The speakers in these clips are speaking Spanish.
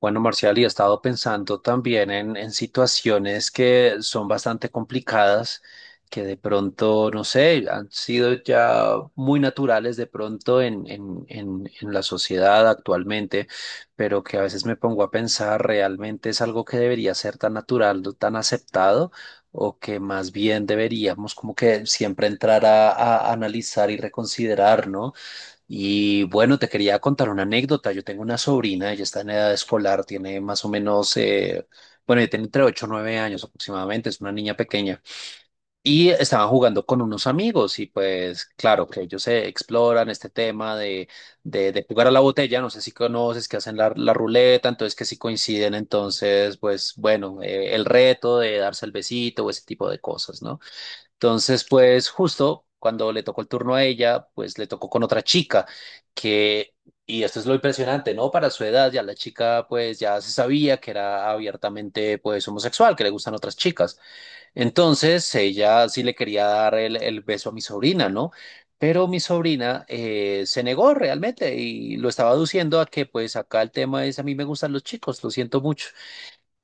Bueno, Marcial, y he estado pensando también en situaciones que son bastante complicadas, que de pronto, no sé, han sido ya muy naturales de pronto en la sociedad actualmente, pero que a veces me pongo a pensar, ¿realmente es algo que debería ser tan natural, no tan aceptado? O que más bien deberíamos como que siempre entrar a analizar y reconsiderar, ¿no? Y bueno, te quería contar una anécdota. Yo tengo una sobrina, ella está en edad escolar, tiene más o menos, bueno, ella tiene entre 8 o 9 años aproximadamente, es una niña pequeña. Y estaban jugando con unos amigos y pues claro que ellos se exploran este tema de jugar a la botella, no sé si conoces que hacen la ruleta, entonces que si coinciden, entonces pues bueno, el reto de darse el besito o ese tipo de cosas, ¿no? Entonces, pues justo cuando le tocó el turno a ella, pues le tocó con otra chica que, y esto es lo impresionante, ¿no? Para su edad ya la chica pues ya se sabía que era abiertamente pues homosexual, que le gustan otras chicas. Entonces, ella sí le quería dar el beso a mi sobrina, ¿no? Pero mi sobrina se negó realmente y lo estaba aduciendo a que pues acá el tema es a mí me gustan los chicos, lo siento mucho.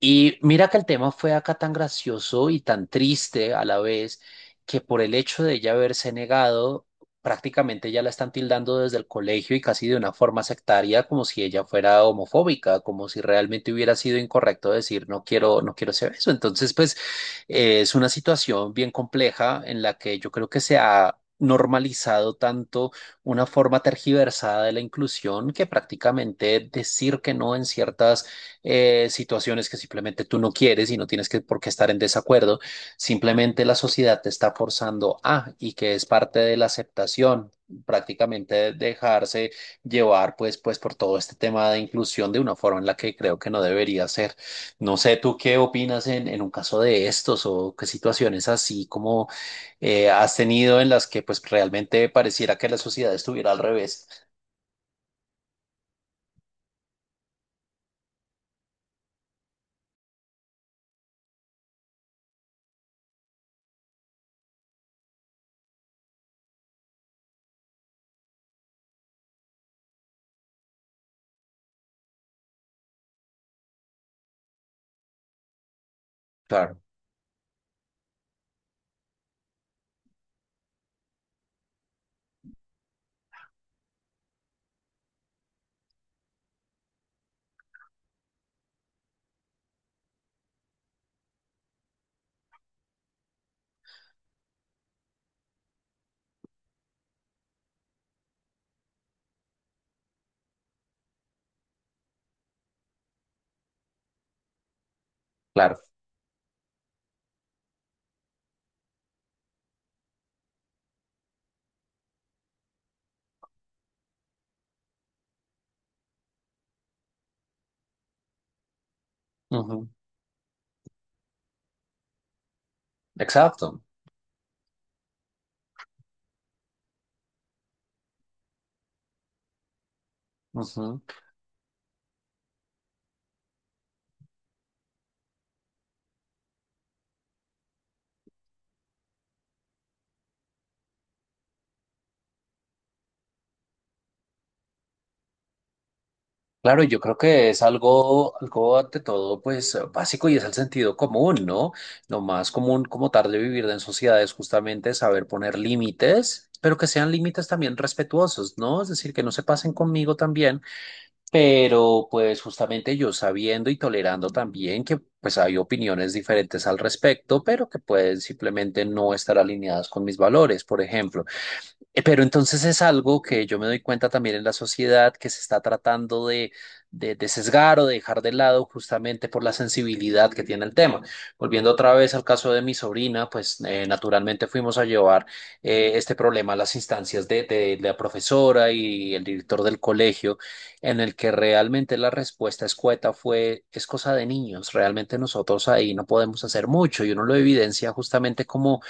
Y mira que el tema fue acá tan gracioso y tan triste a la vez que por el hecho de ella haberse negado, prácticamente ya la están tildando desde el colegio y casi de una forma sectaria, como si ella fuera homofóbica, como si realmente hubiera sido incorrecto decir no quiero, no quiero ese eso. Entonces, pues es una situación bien compleja en la que yo creo que se ha normalizado tanto una forma tergiversada de la inclusión que prácticamente decir que no en ciertas situaciones que simplemente tú no quieres y no tienes que, por qué estar en desacuerdo, simplemente la sociedad te está forzando a y que es parte de la aceptación, prácticamente dejarse llevar pues, pues por todo este tema de inclusión de una forma en la que creo que no debería ser. No sé, ¿tú qué opinas en un caso de estos o qué situaciones así como has tenido en las que pues realmente pareciera que la sociedad estuviera al revés? Claro, claro. Ujú. Exacto. Claro, yo creo que es algo, algo ante todo, pues básico y es el sentido común, ¿no? Lo más común como tal de vivir en sociedad es justamente saber poner límites, pero que sean límites también respetuosos, ¿no? Es decir, que no se pasen conmigo también, pero pues justamente yo sabiendo y tolerando también que pues hay opiniones diferentes al respecto, pero que pueden simplemente no estar alineadas con mis valores, por ejemplo. Pero entonces es algo que yo me doy cuenta también en la sociedad que se está tratando de sesgar o de dejar de lado justamente por la sensibilidad que tiene el tema. Volviendo otra vez al caso de mi sobrina, pues naturalmente fuimos a llevar este problema a las instancias de la profesora y el director del colegio, en el que realmente la respuesta escueta fue, es cosa de niños, realmente nosotros ahí no podemos hacer mucho y uno lo evidencia justamente como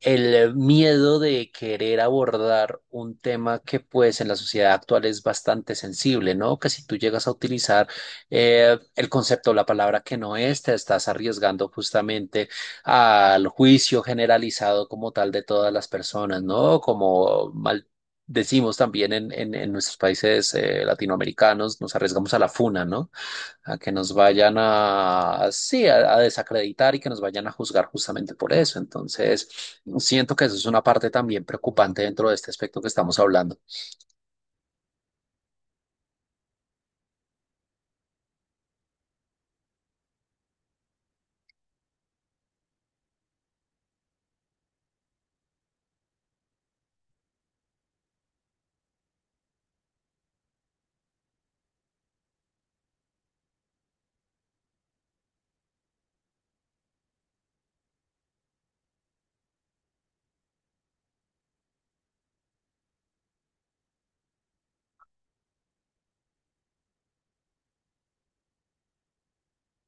el miedo de querer abordar un tema que pues en la sociedad actual es bastante sensible, ¿no? Que si tú llegas a utilizar el concepto o la palabra que no es, te estás arriesgando justamente al juicio generalizado como tal de todas las personas, ¿no? Como mal decimos también en nuestros países latinoamericanos, nos arriesgamos a la funa, ¿no? A que nos vayan a, sí, a desacreditar y que nos vayan a juzgar justamente por eso. Entonces... Siento que eso es una parte también preocupante dentro de este aspecto que estamos hablando.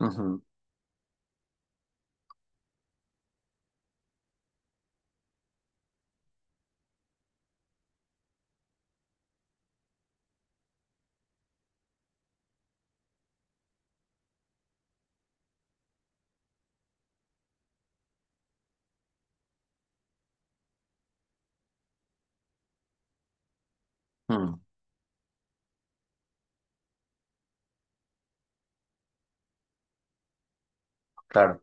Ujú, mm, claro.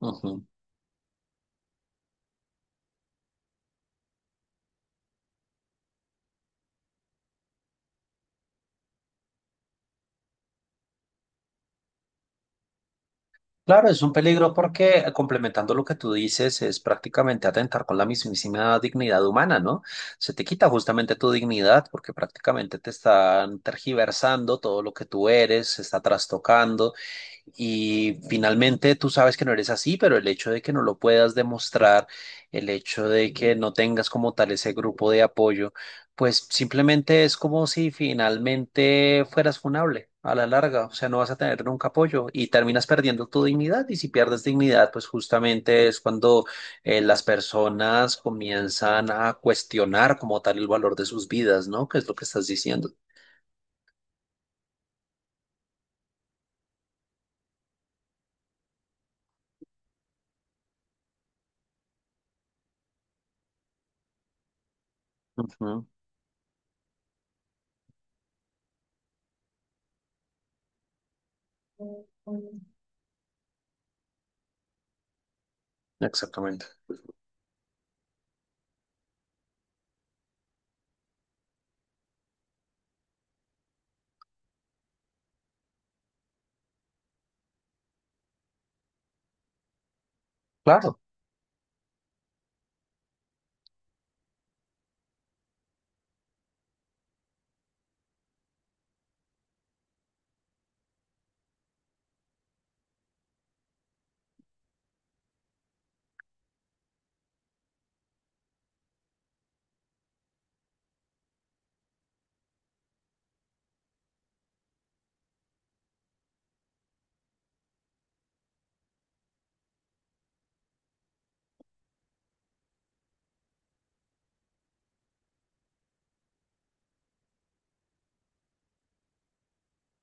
Ujú. Claro, es un peligro porque complementando lo que tú dices, es prácticamente atentar con la mismísima dignidad humana, ¿no? Se te quita justamente tu dignidad porque prácticamente te están tergiversando todo lo que tú eres, se está trastocando y finalmente tú sabes que no eres así, pero el hecho de que no lo puedas demostrar, el hecho de que no tengas como tal ese grupo de apoyo. Pues simplemente es como si finalmente fueras funable a la larga, o sea, no vas a tener nunca apoyo y terminas perdiendo tu dignidad y si pierdes dignidad, pues justamente es cuando las personas comienzan a cuestionar como tal el valor de sus vidas, ¿no? ¿Qué es lo que estás diciendo? Ujú. Exactamente. Claro.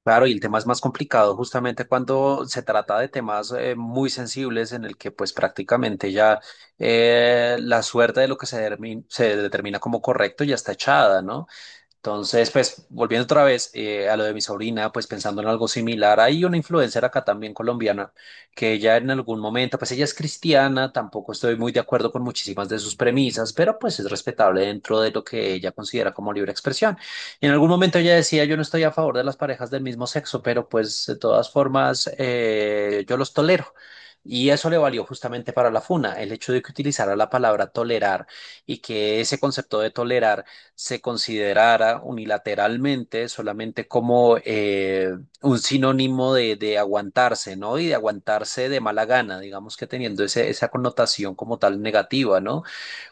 Claro, y el tema es más complicado justamente cuando se trata de temas muy sensibles en el que pues prácticamente ya la suerte de lo que se, se determina como correcto ya está echada, ¿no? Entonces, pues volviendo otra vez a lo de mi sobrina, pues pensando en algo similar, hay una influencer acá también colombiana que ella en algún momento, pues ella es cristiana, tampoco estoy muy de acuerdo con muchísimas de sus premisas, pero pues es respetable dentro de lo que ella considera como libre expresión. En algún momento ella decía, yo no estoy a favor de las parejas del mismo sexo, pero pues de todas formas yo los tolero. Y eso le valió justamente para la funa, el hecho de que utilizara la palabra tolerar y que ese concepto de tolerar se considerara unilateralmente solamente como un sinónimo de aguantarse, ¿no? Y de aguantarse de mala gana, digamos que teniendo esa connotación como tal negativa, ¿no?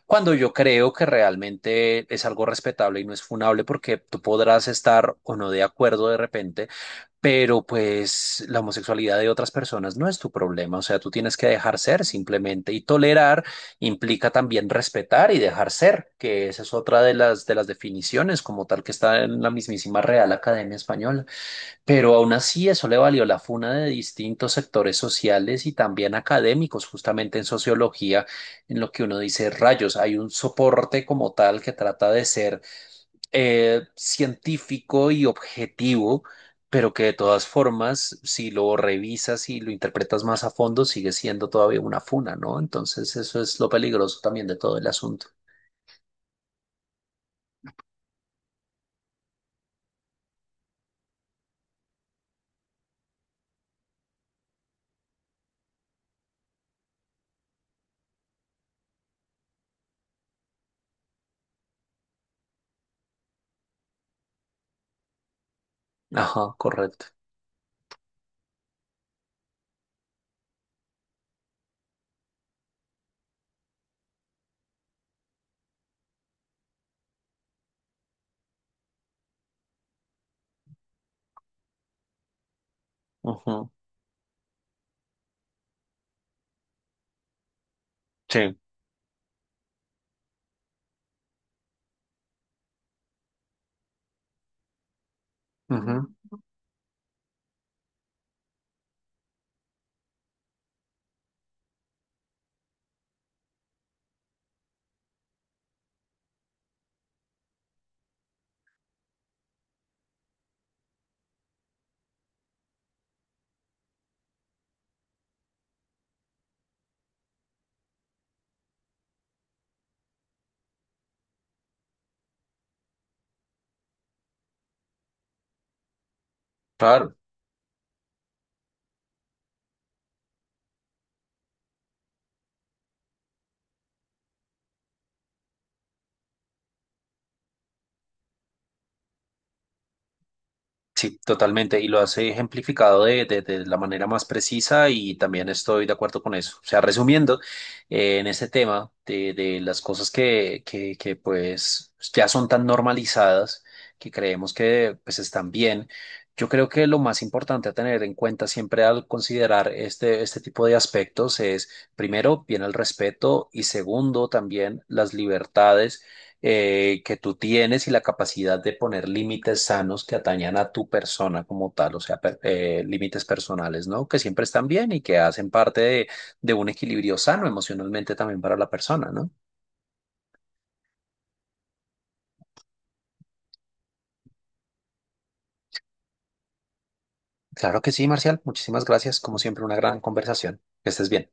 Cuando yo creo que realmente es algo respetable y no es funable porque tú podrás estar o no de acuerdo de repente pero pues la homosexualidad de otras personas no es tu problema, o sea, tú tienes que dejar ser simplemente y tolerar implica también respetar y dejar ser, que esa es otra de las definiciones como tal que está en la mismísima Real Academia Española, pero aún así eso le valió la funa de distintos sectores sociales y también académicos, justamente en sociología, en lo que uno dice rayos, hay un soporte como tal que trata de ser científico y objetivo, pero que de todas formas, si lo revisas y lo interpretas más a fondo, sigue siendo todavía una funa, ¿no? Entonces, eso es lo peligroso también de todo el asunto. Ajá, correcto. Ujú, sí. Ujú, claro. Sí, totalmente. Y lo has ejemplificado de la manera más precisa y también estoy de acuerdo con eso. O sea, resumiendo, en este tema de las cosas que pues ya son tan normalizadas que creemos que pues están bien, yo creo que lo más importante a tener en cuenta siempre al considerar este, este tipo de aspectos es, primero, bien el respeto y segundo, también las libertades que tú tienes y la capacidad de poner límites sanos que atañan a tu persona como tal, o sea, límites personales, ¿no? Que siempre están bien y que hacen parte de un equilibrio sano emocionalmente también para la persona, ¿no? Claro que sí, Marcial. Muchísimas gracias. Como siempre, una gran conversación. Que estés bien.